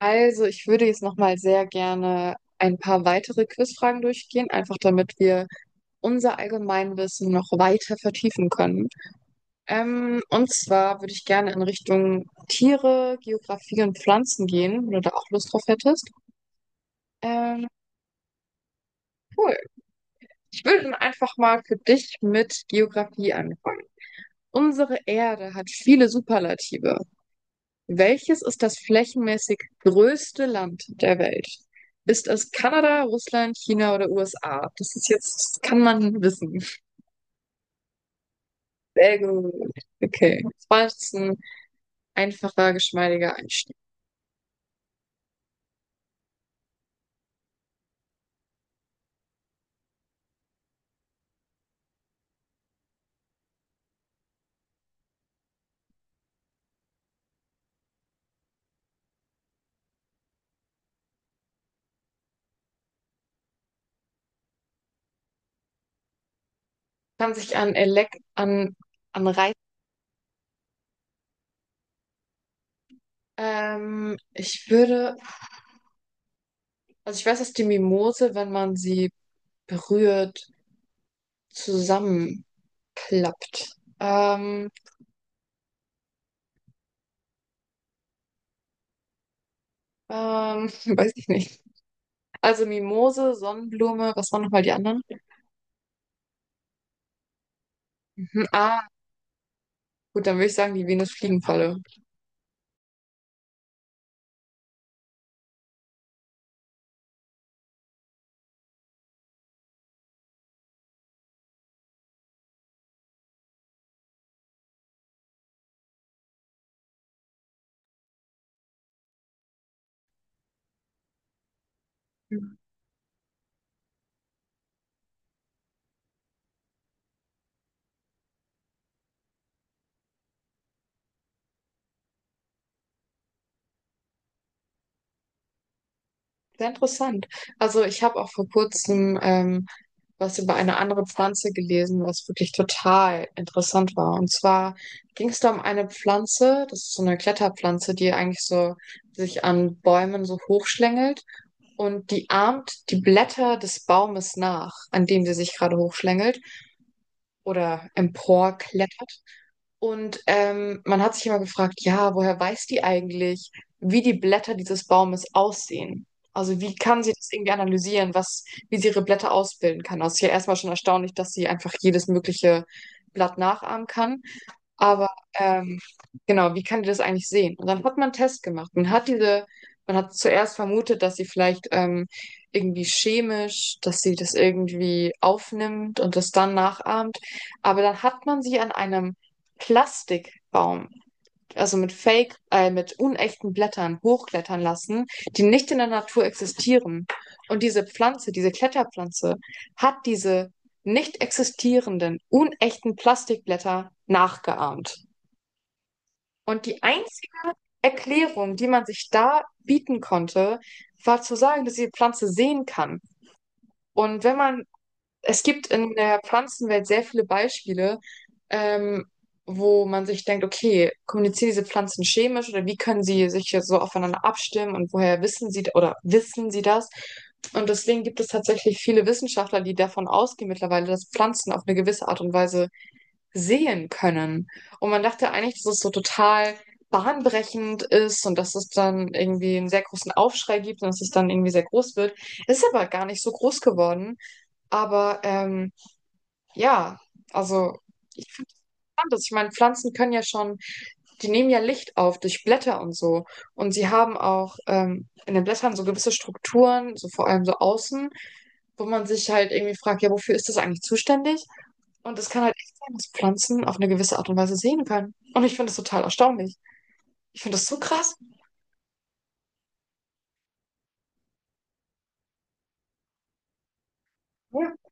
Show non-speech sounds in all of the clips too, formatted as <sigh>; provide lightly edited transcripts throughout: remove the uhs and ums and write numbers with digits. Also, ich würde jetzt nochmal sehr gerne ein paar weitere Quizfragen durchgehen, einfach damit wir unser Allgemeinwissen noch weiter vertiefen können. Und zwar würde ich gerne in Richtung Tiere, Geografie und Pflanzen gehen, wenn du da auch Lust drauf hättest. Ähm, cool. Ich würde dann einfach mal für dich mit Geografie anfangen. Unsere Erde hat viele Superlative. Welches ist das flächenmäßig größte Land der Welt? Ist es Kanada, Russland, China oder USA? Das ist jetzt, das kann man wissen. Sehr gut. Okay. Das war jetzt ein einfacher, geschmeidiger Einstieg. Kann sich an Elek an, an Reiz. Ich würde, also ich weiß, dass die Mimose, wenn man sie berührt, zusammenklappt. Ähm, ähm, <laughs> weiß ich nicht. Also Mimose, Sonnenblume, was waren nochmal die anderen? Mhm. Ah, gut, dann würde ich sagen, die Venusfliegenfalle. Mhm. Sehr interessant. Also ich habe auch vor kurzem was über eine andere Pflanze gelesen, was wirklich total interessant war. Und zwar ging es da um eine Pflanze, das ist so eine Kletterpflanze, die eigentlich so sich an Bäumen so hochschlängelt und die ahmt die Blätter des Baumes nach, an dem sie sich gerade hochschlängelt oder emporklettert. Und man hat sich immer gefragt, ja, woher weiß die eigentlich, wie die Blätter dieses Baumes aussehen? Also wie kann sie das irgendwie analysieren, was, wie sie ihre Blätter ausbilden kann? Das ist ja erstmal schon erstaunlich, dass sie einfach jedes mögliche Blatt nachahmen kann. Aber ähm, genau, wie kann die das eigentlich sehen? Und dann hat man einen Test gemacht. Man hat zuerst vermutet, dass sie vielleicht irgendwie chemisch, dass sie das irgendwie aufnimmt und das dann nachahmt. Aber dann hat man sie an einem Plastikbaum also mit Fake, mit unechten Blättern hochklettern lassen, die nicht in der Natur existieren. Und diese Pflanze, diese Kletterpflanze, hat diese nicht existierenden, unechten Plastikblätter nachgeahmt. Und die einzige Erklärung, die man sich da bieten konnte, war zu sagen, dass die Pflanze sehen kann. Und wenn man es gibt in der Pflanzenwelt sehr viele Beispiele, ähm, wo man sich denkt, okay, kommunizieren diese Pflanzen chemisch oder wie können sie sich hier so aufeinander abstimmen und woher wissen sie oder wissen sie das? Und deswegen gibt es tatsächlich viele Wissenschaftler, die davon ausgehen mittlerweile, dass Pflanzen auf eine gewisse Art und Weise sehen können. Und man dachte eigentlich, dass es so total bahnbrechend ist und dass es dann irgendwie einen sehr großen Aufschrei gibt und dass es dann irgendwie sehr groß wird. Ist aber gar nicht so groß geworden. Aber ja, also ich finde es interessant, dass ich meine, Pflanzen können ja schon, die nehmen ja Licht auf durch Blätter und so. Und sie haben auch in den Blättern so gewisse Strukturen, so vor allem so außen, wo man sich halt irgendwie fragt, ja, wofür ist das eigentlich zuständig? Und es kann halt echt sein, dass Pflanzen auf eine gewisse Art und Weise sehen können. Und ich finde das total erstaunlich. Ich finde das so krass. Ja.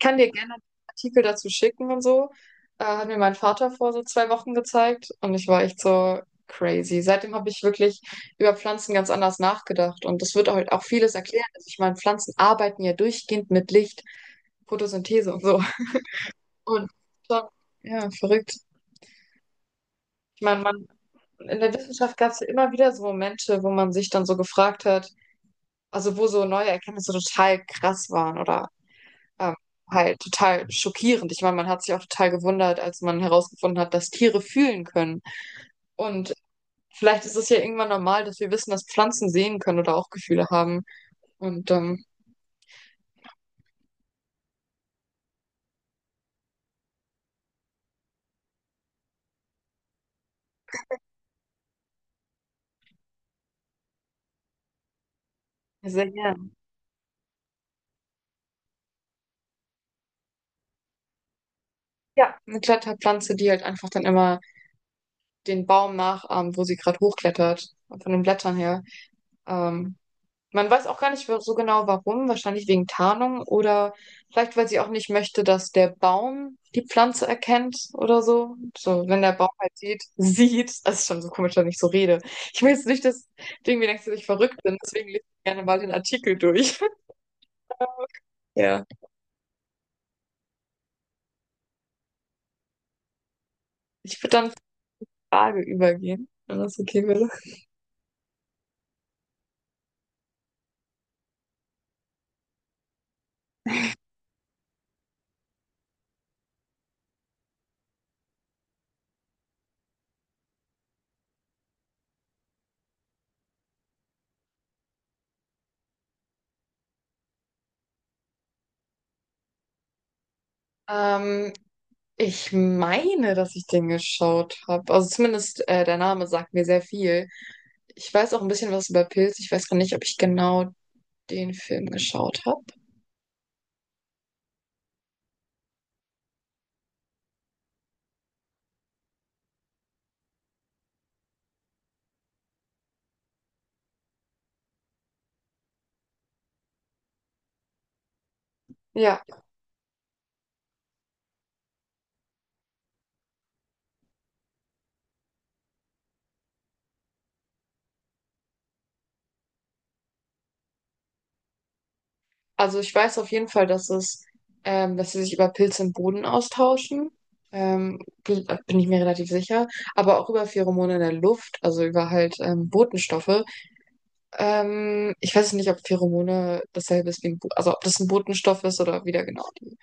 Kann dir gerne einen Artikel dazu schicken und so. Hat mir mein Vater vor so zwei Wochen gezeigt und ich war echt so crazy. Seitdem habe ich wirklich über Pflanzen ganz anders nachgedacht und das wird halt auch vieles erklären. Also ich meine, Pflanzen arbeiten ja durchgehend mit Licht, Photosynthese und so. Und schon, ja, verrückt. Ich meine, man, in der Wissenschaft gab es ja immer wieder so Momente, wo man sich dann so gefragt hat, also wo so neue Erkenntnisse total krass waren oder Ähm, halt total schockierend. Ich meine, man hat sich auch total gewundert, als man herausgefunden hat, dass Tiere fühlen können. Und vielleicht ist es ja irgendwann normal, dass wir wissen, dass Pflanzen sehen können oder auch Gefühle haben. Und sehr gern. Ja, eine Kletterpflanze, die halt einfach dann immer den Baum nachahmt, wo sie gerade hochklettert, von den Blättern her. Ähm, Man weiß auch gar nicht so genau warum, wahrscheinlich wegen Tarnung oder vielleicht, weil sie auch nicht möchte, dass der Baum die Pflanze erkennt oder so. So, wenn der Baum halt sieht, das ist schon so komisch, wenn ich so rede. Ich will jetzt nicht, dass du irgendwie denkst, dass ich verrückt bin, deswegen lese ich gerne mal den Artikel durch. <laughs> Ja. Ich würde dann zur Frage übergehen, wenn das okay wäre. Ähm, Ich meine, dass ich den geschaut habe. Also zumindest der Name sagt mir sehr viel. Ich weiß auch ein bisschen was über Pilze. Ich weiß gar nicht, ob ich genau den Film geschaut habe. Ja, also ich weiß auf jeden Fall, dass es, dass sie sich über Pilze im Boden austauschen. Ähm, bin ich mir relativ sicher. Aber auch über Pheromone in der Luft, also über halt Botenstoffe. Ich weiß nicht, ob Pheromone dasselbe ist wie ein, Bo also ob das ein Botenstoff ist oder wieder genau die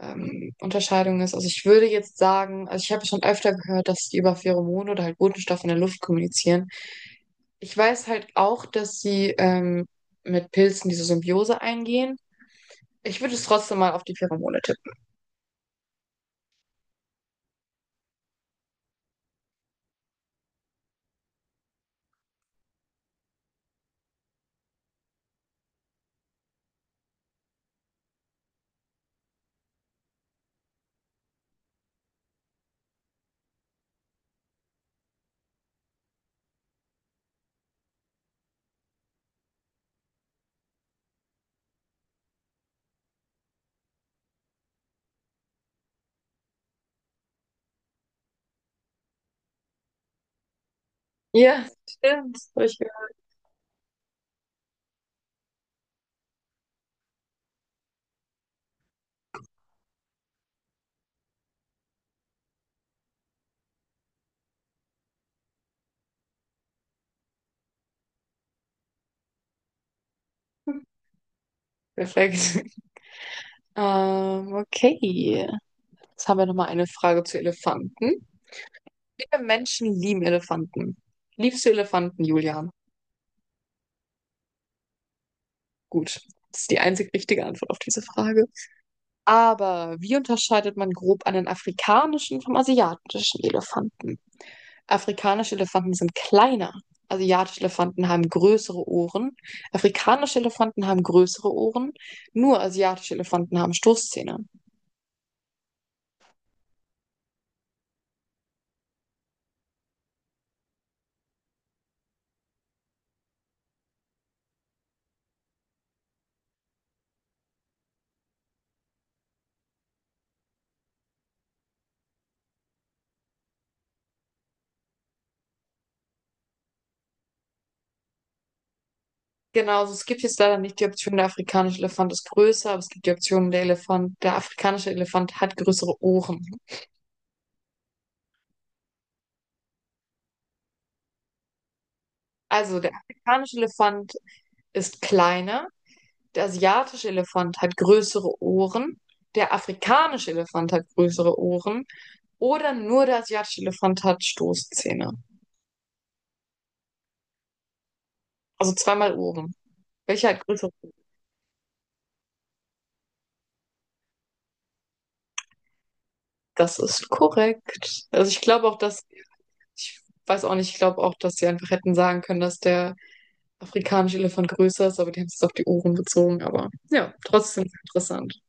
Unterscheidung ist. Also ich würde jetzt sagen, also ich habe schon öfter gehört, dass die über Pheromone oder halt Botenstoffe in der Luft kommunizieren. Ich weiß halt auch, dass sie mit Pilzen diese Symbiose eingehen. Ich würde es trotzdem mal auf die Pheromone tippen. Ja, stimmt. Hab ich gehört. Perfekt. <laughs> Okay. Jetzt haben wir nochmal eine Frage zu Elefanten. Viele Menschen lieben Elefanten. Liebst du Elefanten, Julian? Gut. Das ist die einzig richtige Antwort auf diese Frage. Aber wie unterscheidet man grob einen afrikanischen vom asiatischen Elefanten? Afrikanische Elefanten sind kleiner. Asiatische Elefanten haben größere Ohren. Afrikanische Elefanten haben größere Ohren. Nur asiatische Elefanten haben Stoßzähne. Genau, also es gibt jetzt leider nicht die Option, der afrikanische Elefant ist größer, aber es gibt die Option, der Elefant, der afrikanische Elefant hat größere Ohren. Also der afrikanische Elefant ist kleiner, der asiatische Elefant hat größere Ohren, der afrikanische Elefant hat größere Ohren oder nur der asiatische Elefant hat Stoßzähne. Also zweimal oben. Welcher hat größere Ohren? Das ist korrekt. Also ich glaube auch, dass, ich weiß auch nicht, ich glaube auch, dass sie einfach hätten sagen können, dass der afrikanische Elefant größer ist, aber die haben es jetzt auf die Ohren bezogen. Aber ja, trotzdem interessant.